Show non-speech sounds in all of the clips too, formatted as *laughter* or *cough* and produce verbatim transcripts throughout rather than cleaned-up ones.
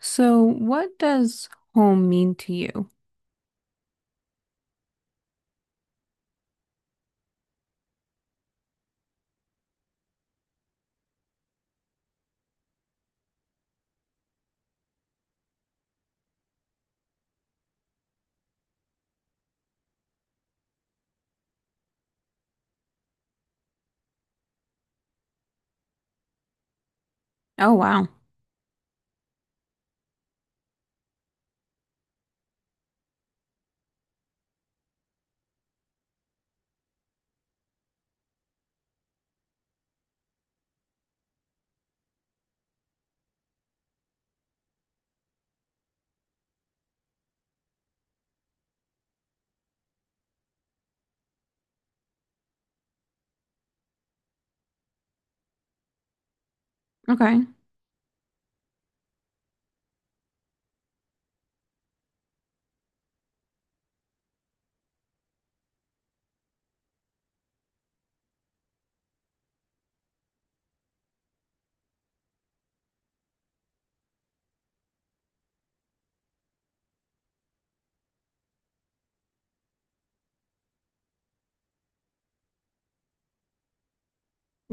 So, what does home mean to you? Oh, wow. Okay.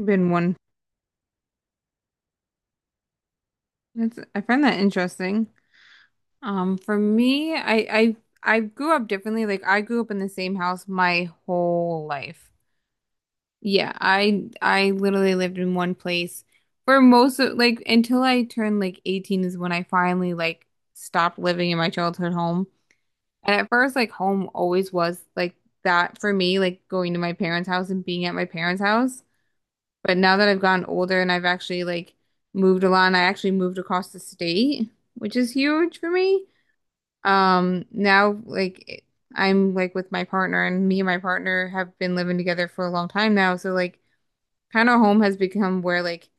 Been one. That's, I find that interesting. Um, for me, I, I I grew up differently. Like I grew up in the same house my whole life. Yeah, I I literally lived in one place for most of like until I turned like eighteen is when I finally like stopped living in my childhood home. And at first, like home always was like that for me, like going to my parents' house and being at my parents' house. But now that I've gotten older and I've actually like moved a lot, and I actually moved across the state, which is huge for me. Um, now like it- I'm like with my partner, and me and my partner have been living together for a long time now. So like, kind of home has become where like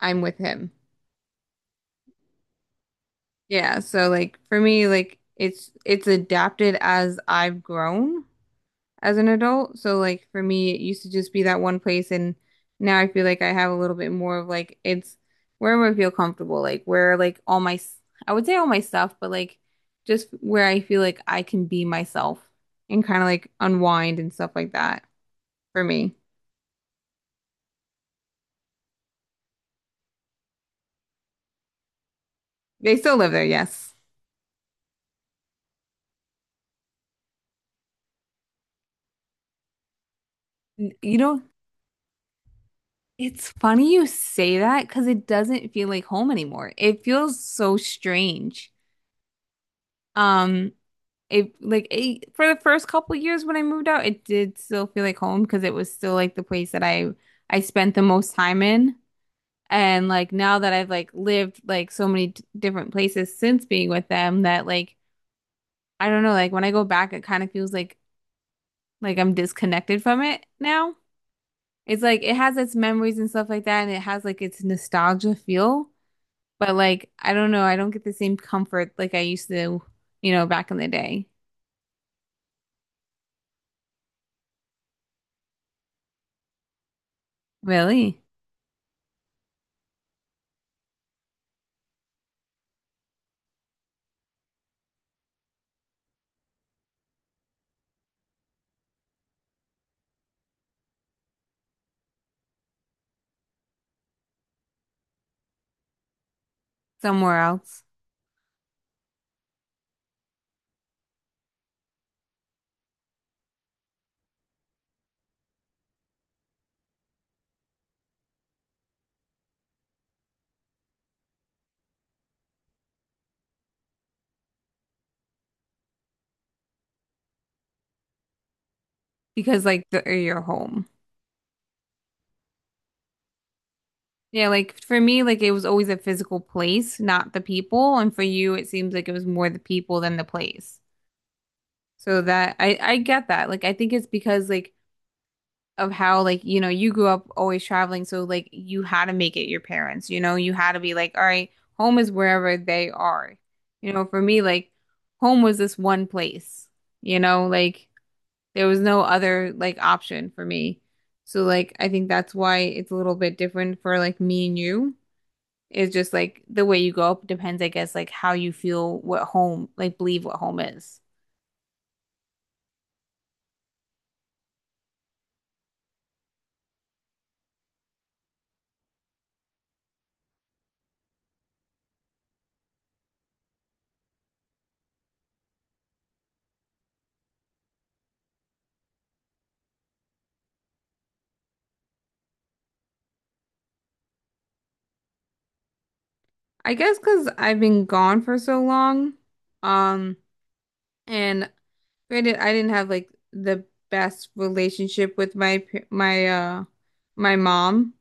I'm with him. Yeah. So like for me, like it's it's adapted as I've grown. As an adult. So like for me, it used to just be that one place and now I feel like I have a little bit more of like it's wherever I feel comfortable, like where like all my s- I would say all my stuff, but like just where I feel like I can be myself and kind of like unwind and stuff like that for me. They still live there, yes. N- You know, it's funny you say that because it doesn't feel like home anymore. It feels so strange. Um, it like it, for the first couple years when I moved out, it did still feel like home because it was still like the place that I I spent the most time in. And like now that I've like lived like so many d different places since being with them that like I don't know, like when I go back, it kind of feels like like I'm disconnected from it now. It's like it has its memories and stuff like that, and it has like its nostalgia feel, but like I don't know, I don't get the same comfort like I used to, you know, back in the day. Really? Somewhere else? Because like the or your home. Yeah, like for me, like it was always a physical place, not the people. And for you, it seems like it was more the people than the place. So that I I get that. Like I think it's because like of how like you know you grew up always traveling, so like you had to make it your parents. You know, you had to be like, all right, home is wherever they are. You know, for me, like home was this one place. You know, like. There was no other like option for me. So like I think that's why it's a little bit different for like me and you. It's just like the way you grow up depends, I guess, like how you feel what home, like believe what home is. I guess because I've been gone for so long, um, and granted, I didn't have like the best relationship with my pa- my uh my mom,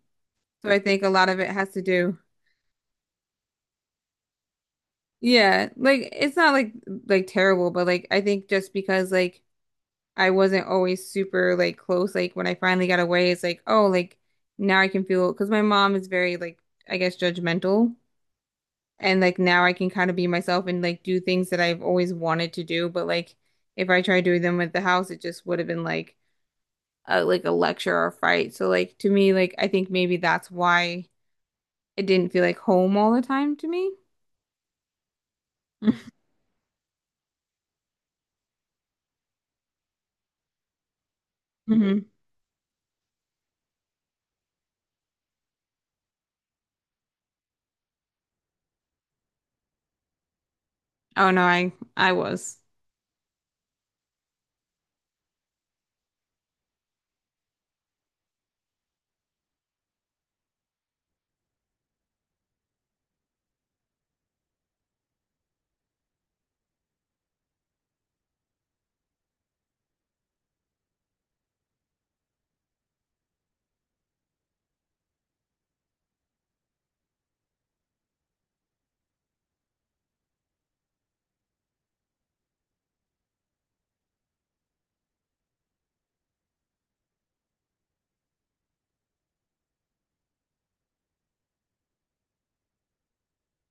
so I think a lot of it has to do. Yeah, like it's not like like terrible, but like I think just because like I wasn't always super like close. Like when I finally got away, it's like, oh, like now I can feel because my mom is very like I guess judgmental, and like now I can kind of be myself and like do things that I've always wanted to do. But like if I tried doing them at the house, it just would have been like a like a lecture or a fight. So like to me, like I think maybe that's why it didn't feel like home all the time to me. *laughs* Hmm. Oh no, I I was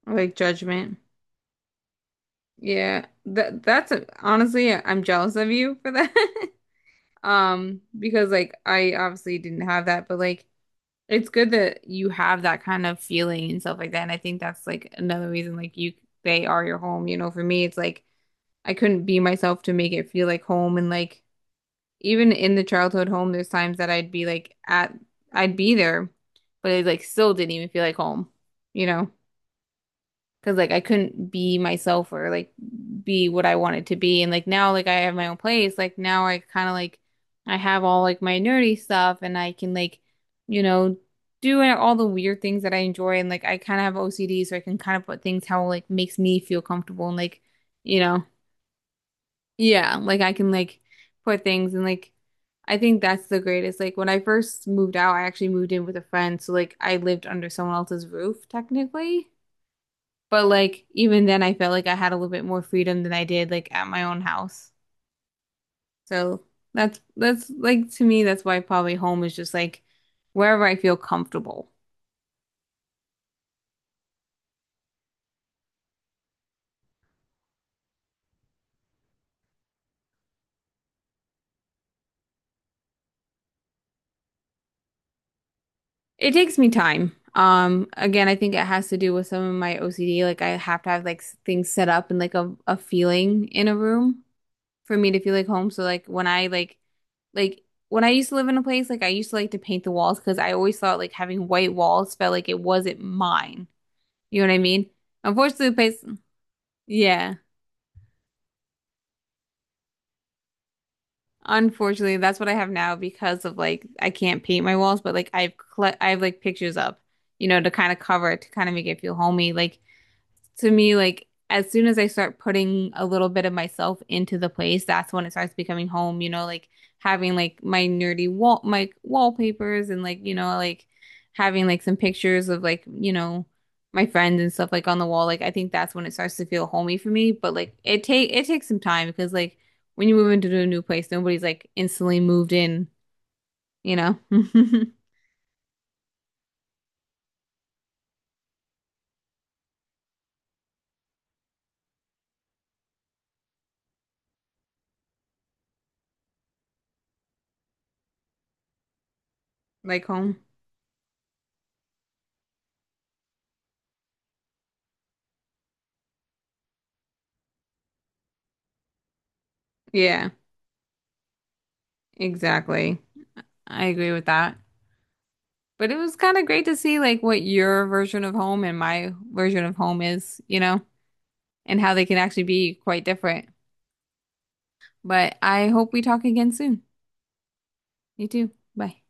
like judgment. Yeah, that that's a, honestly, I'm jealous of you for that. *laughs* Um, because like I obviously didn't have that, but like it's good that you have that kind of feeling and stuff like that. And I think that's like another reason like you they are your home. You know, for me, it's like I couldn't be myself to make it feel like home. And like even in the childhood home, there's times that I'd be like at I'd be there, but it like still didn't even feel like home, you know. Cause like I couldn't be myself or like be what I wanted to be. And like now like I have my own place. Like now I kind of like I have all like my nerdy stuff and I can like, you know, do all the weird things that I enjoy and like I kind of have O C D so I can kind of put things how like makes me feel comfortable and like, you know, yeah, like I can like put things and like I think that's the greatest. Like when I first moved out, I actually moved in with a friend, so like I lived under someone else's roof technically. But like even then I felt like I had a little bit more freedom than I did like at my own house. So that's that's like to me that's why probably home is just like wherever I feel comfortable. It takes me time. Um again, I think it has to do with some of my O C D. Like I have to have like s- things set up and like a, a feeling in a room for me to feel like home. So like when I like like when I used to live in a place, like I used to like to paint the walls because I always thought like having white walls felt like it wasn't mine. You know what I mean? Unfortunately, the place. Yeah. Unfortunately, that's what I have now because of like I can't paint my walls, but like I've cle I've like pictures up, you know, to kind of cover it, to kind of make it feel homey. Like to me, like as soon as I start putting a little bit of myself into the place, that's when it starts becoming home, you know, like having like my nerdy wall my wallpapers and like, you know, like having like some pictures of like, you know, my friends and stuff like on the wall. Like I think that's when it starts to feel homey for me. But like it take it takes some time because like when you move into a new place, nobody's like instantly moved in, you know, *laughs* like home. Yeah, exactly. I agree with that. But it was kind of great to see like what your version of home and my version of home is, you know, and how they can actually be quite different. But I hope we talk again soon. You too. Bye.